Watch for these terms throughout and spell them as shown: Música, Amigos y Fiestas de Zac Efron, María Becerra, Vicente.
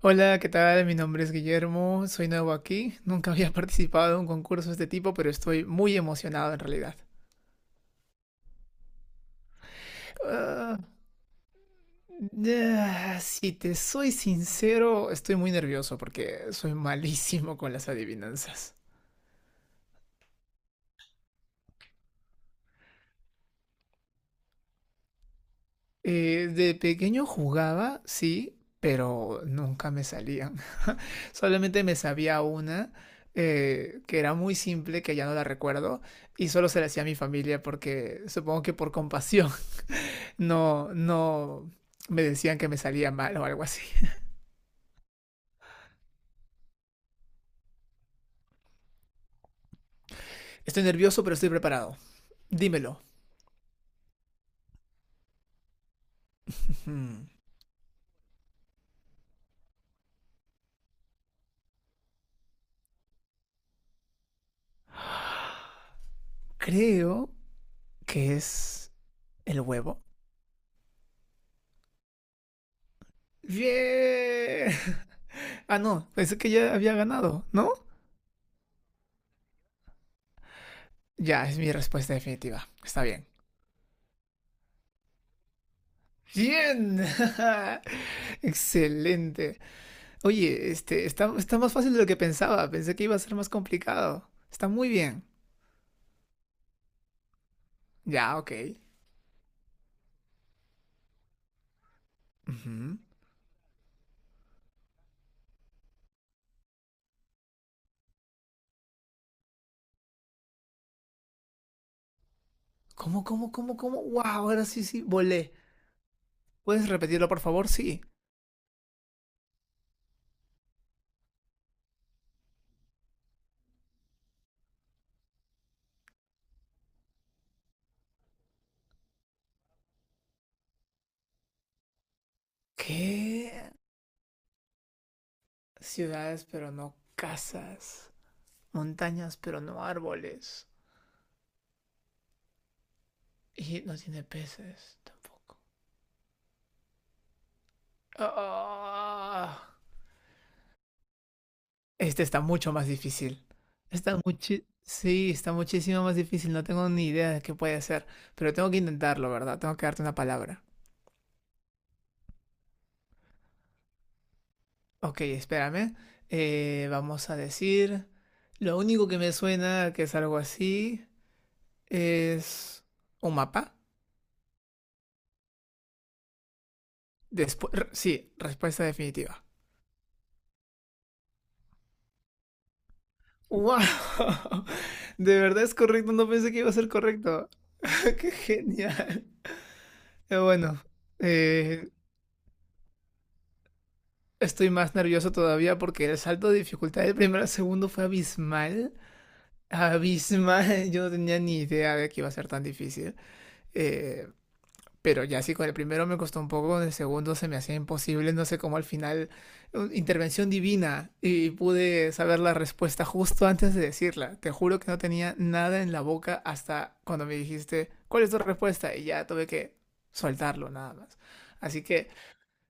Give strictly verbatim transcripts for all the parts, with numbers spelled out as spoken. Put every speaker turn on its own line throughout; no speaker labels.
Hola, ¿qué tal? Mi nombre es Guillermo, soy nuevo aquí. Nunca había participado en un concurso de este tipo, pero estoy muy emocionado en realidad. Ah, ah, si te soy sincero, estoy muy nervioso porque soy malísimo con las adivinanzas. Eh, de pequeño jugaba, sí, pero nunca me salían. Solamente me sabía una eh, que era muy simple, que ya no la recuerdo, y solo se la hacía a mi familia porque supongo que por compasión. no, no me decían que me salía mal o algo así. Estoy nervioso, pero estoy preparado. Dímelo. Hmm. Creo que es el huevo. ¡Bien! Ah, no, pensé que ya había ganado, ¿no? Ya, es mi respuesta definitiva. Está bien. ¡Bien! Excelente. Oye, este, está, está más fácil de lo que pensaba. Pensé que iba a ser más complicado. Está muy bien. Ya, ok. Ujú. ¿Cómo, cómo, cómo, cómo? ¡Wow! Ahora sí, sí, volé. ¿Puedes repetirlo, por favor? Sí. ¿Qué? Ciudades, pero no casas. Montañas, pero no árboles. Y no tiene peces tampoco. Ah, este está mucho más difícil. Está muchi sí, está muchísimo más difícil. No tengo ni idea de qué puede ser. Pero tengo que intentarlo, ¿verdad? Tengo que darte una palabra. Ok, espérame. Eh, vamos a decir. Lo único que me suena que es algo así. Es un mapa. Después, sí, respuesta definitiva. ¡Wow! De verdad es correcto, no pensé que iba a ser correcto. ¡Qué genial! Pero bueno, eh, estoy más nervioso todavía porque el salto de dificultad del primero al segundo fue abismal. Abismal, yo no tenía ni idea de que iba a ser tan difícil. Eh, Pero ya sí, con el primero me costó un poco, con el segundo se me hacía imposible, no sé cómo al final, un- intervención divina, y pude saber la respuesta justo antes de decirla. Te juro que no tenía nada en la boca hasta cuando me dijiste, ¿cuál es tu respuesta? Y ya tuve que soltarlo nada más. Así que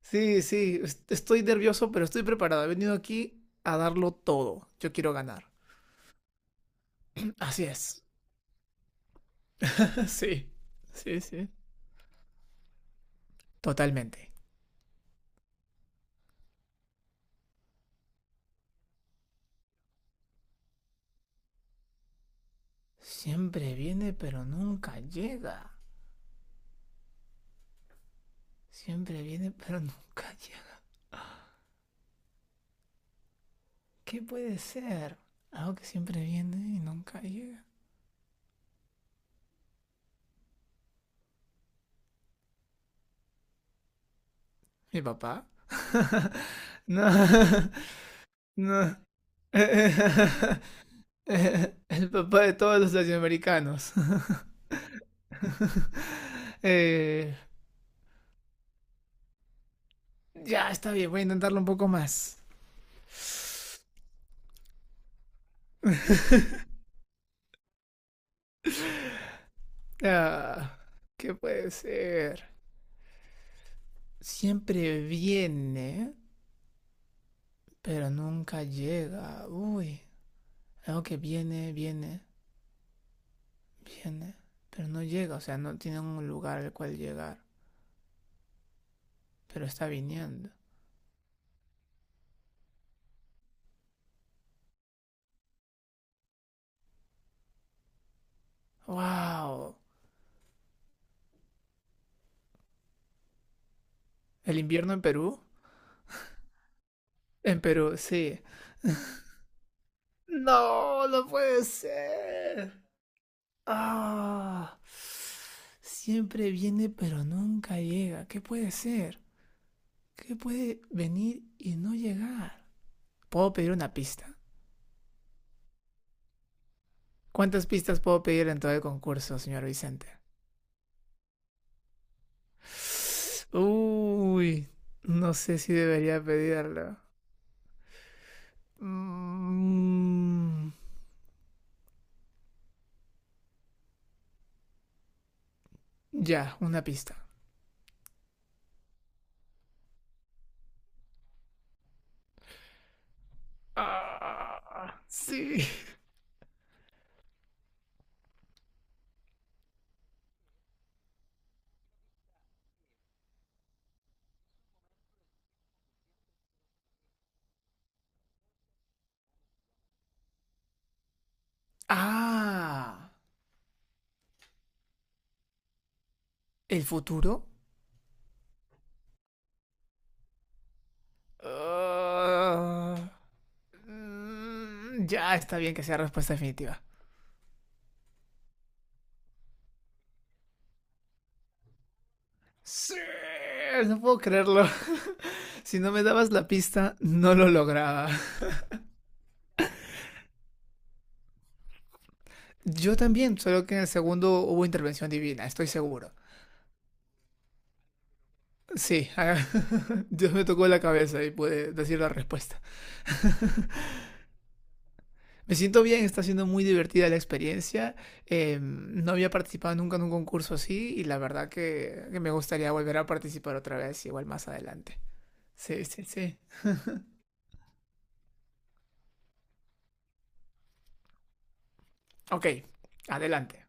sí, sí, est- estoy nervioso, pero estoy preparado. He venido aquí a darlo todo. Yo quiero ganar. Así es. Sí, sí, sí. Totalmente. Siempre viene, pero nunca llega. Siempre viene pero nunca llega. ¿Qué puede ser? Algo que siempre viene y nunca llega. ¿Mi papá? No, no. El papá de todos los latinoamericanos. Eh, ya, está bien, voy a intentarlo un poco más. Ah, ¿qué puede ser? Siempre viene, pero nunca llega. Uy, algo que viene, viene, viene, pero no llega, o sea, no tiene un lugar al cual llegar, pero está viniendo. ¡Wow! ¿El invierno en Perú? En Perú, sí. No, no puede ser. Ah, siempre viene pero nunca llega. ¿Qué puede ser? ¿Qué puede venir y no llegar? ¿Puedo pedir una pista? ¿Cuántas pistas puedo pedir en todo el concurso, señor Vicente? Uy, no sé si debería pedirlo. Mm, ya, una pista. Ah, sí. Ah, ¿el futuro? Ah, mm, ya, está bien que sea respuesta definitiva. Sí, no puedo creerlo. Si no me dabas la pista, no lo lograba. Yo también, solo que en el segundo hubo intervención divina, estoy seguro. Sí, Dios me tocó la cabeza y pude decir la respuesta. Me siento bien, está siendo muy divertida la experiencia. Eh, no había participado nunca en un concurso así y la verdad que, que me gustaría volver a participar otra vez, igual más adelante. Sí, sí, sí. Ok, adelante.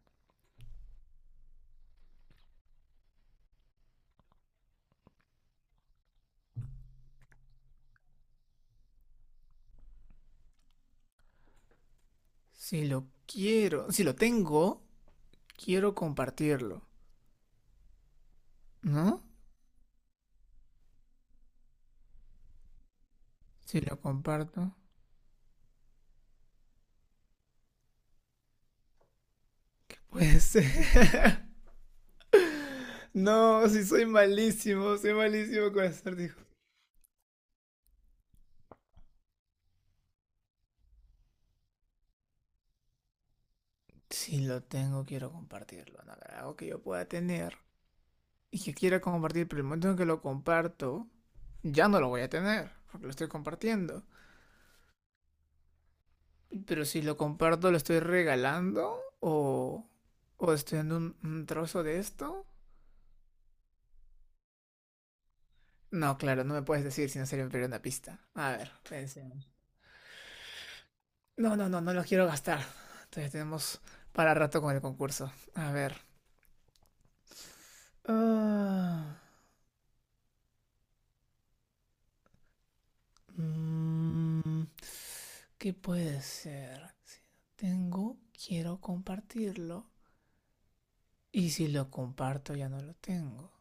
Si lo quiero, si lo tengo, quiero compartirlo, ¿no? Si lo comparto. Pues no, si soy malísimo, soy malísimo con hacer, dijo. Si lo tengo, quiero compartirlo. No, algo que yo pueda tener y que quiera compartir, pero el momento en que lo comparto, ya no lo voy a tener, porque lo estoy compartiendo. Pero si lo comparto, lo estoy regalando o, o estoy dando un, un trozo de esto. No, claro, no me puedes decir si no sería una pista. A ver, pensemos. No, no, no, no lo quiero gastar. Entonces tenemos para rato con el concurso. A ver. Ah, mm, ¿qué puede ser? Si no tengo, quiero compartirlo. Y si lo comparto, ya no lo tengo.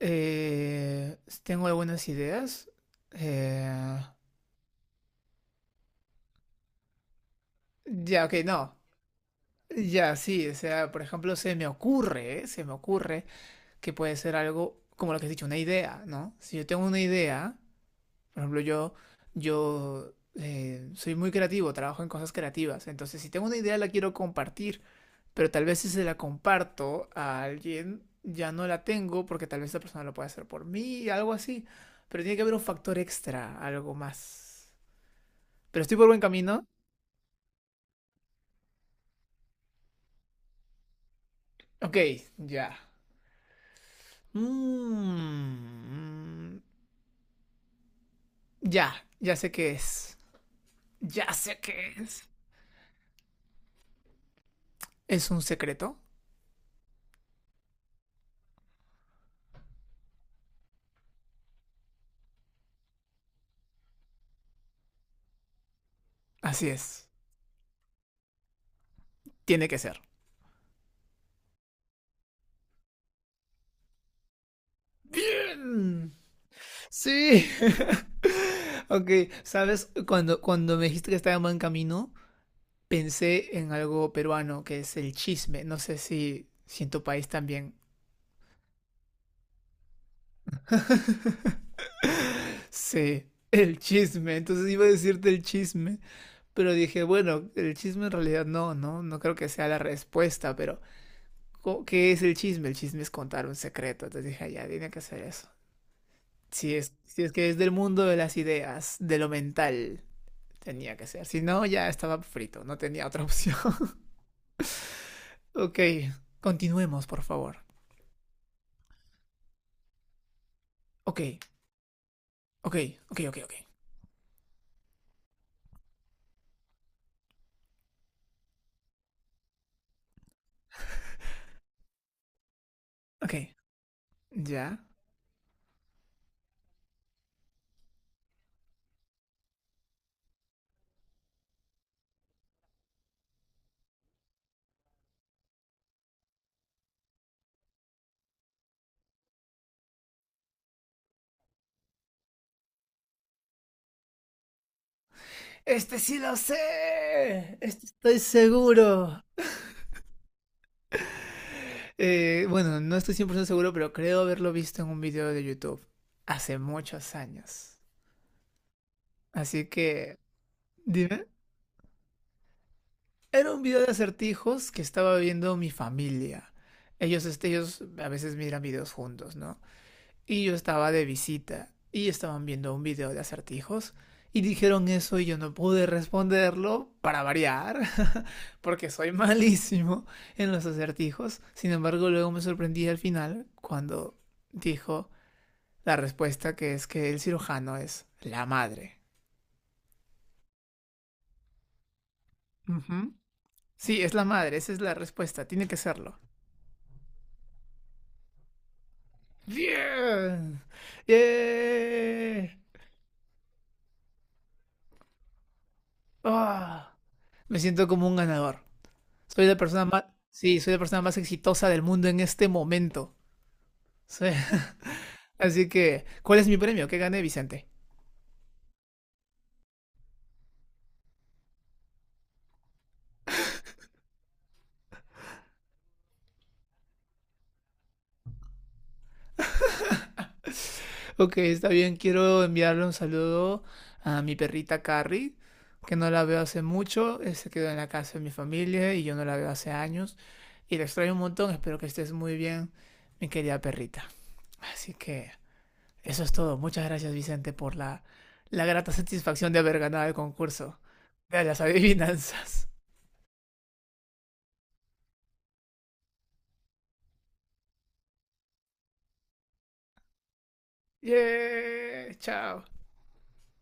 Eh, Tengo algunas ideas. Eh, ya, ok, no. Ya, sí, o sea, por ejemplo, se me ocurre, se me ocurre que puede ser algo como lo que has dicho, una idea, ¿no? Si yo tengo una idea, por ejemplo, yo, yo eh, soy muy creativo, trabajo en cosas creativas, entonces si tengo una idea la quiero compartir. Pero tal vez si se la comparto a alguien, ya no la tengo porque tal vez esa persona lo puede hacer por mí, algo así. Pero tiene que haber un factor extra, algo más. Pero estoy por buen camino. Ok, ya. Mm, ya, ya sé qué es. Ya sé qué es. ¿Es un secreto? Así es. Tiene que ser. Mm, sí. Ok, ¿sabes? Cuando, cuando me dijiste que estaba en buen camino, pensé en algo peruano que es el chisme. No sé si, si en tu país también se... El chisme, entonces iba a decirte el chisme, pero dije, bueno, el chisme en realidad no, no, no creo que sea la respuesta, pero co- ¿qué es el chisme? El chisme es contar un secreto, entonces dije, "Ah, ya, tiene que ser eso. Si es, si es que es del mundo de las ideas, de lo mental, tenía que ser. Si no, ya estaba frito, no tenía otra opción. Ok, continuemos, por favor. Ok, ok, ok, ok, ok. Ok, ya. Este sí lo sé, este estoy seguro. Eh, bueno, no estoy cien por ciento seguro, pero creo haberlo visto en un video de YouTube hace muchos años. Así que, dime. Era un video de acertijos que estaba viendo mi familia. Ellos, este, ellos a veces miran videos juntos, ¿no? Y yo estaba de visita y estaban viendo un video de acertijos y dijeron eso y yo no pude responderlo para variar, porque soy malísimo en los acertijos. Sin embargo, luego me sorprendí al final cuando dijo la respuesta que es que el cirujano es la madre. Uh -huh. Sí, es la madre, esa es la respuesta, tiene que serlo. ¡Bien! ¡Yeah! ¡Yeah! ¡Oh! Me siento como un ganador. Soy la persona más, sí, soy la persona más exitosa del mundo en este momento. Sí. Así que, ¿cuál es mi premio? ¿Qué gané, Vicente? Ok, está bien. Quiero enviarle un saludo a mi perrita Carrie, que no la veo hace mucho. eh, Se quedó en la casa de mi familia y yo no la veo hace años. Y la extraño un montón. Espero que estés muy bien, mi querida perrita. Así que, eso es todo. Muchas gracias, Vicente, por la, la grata satisfacción de haber ganado el concurso de las adivinanzas. Yeah, chao.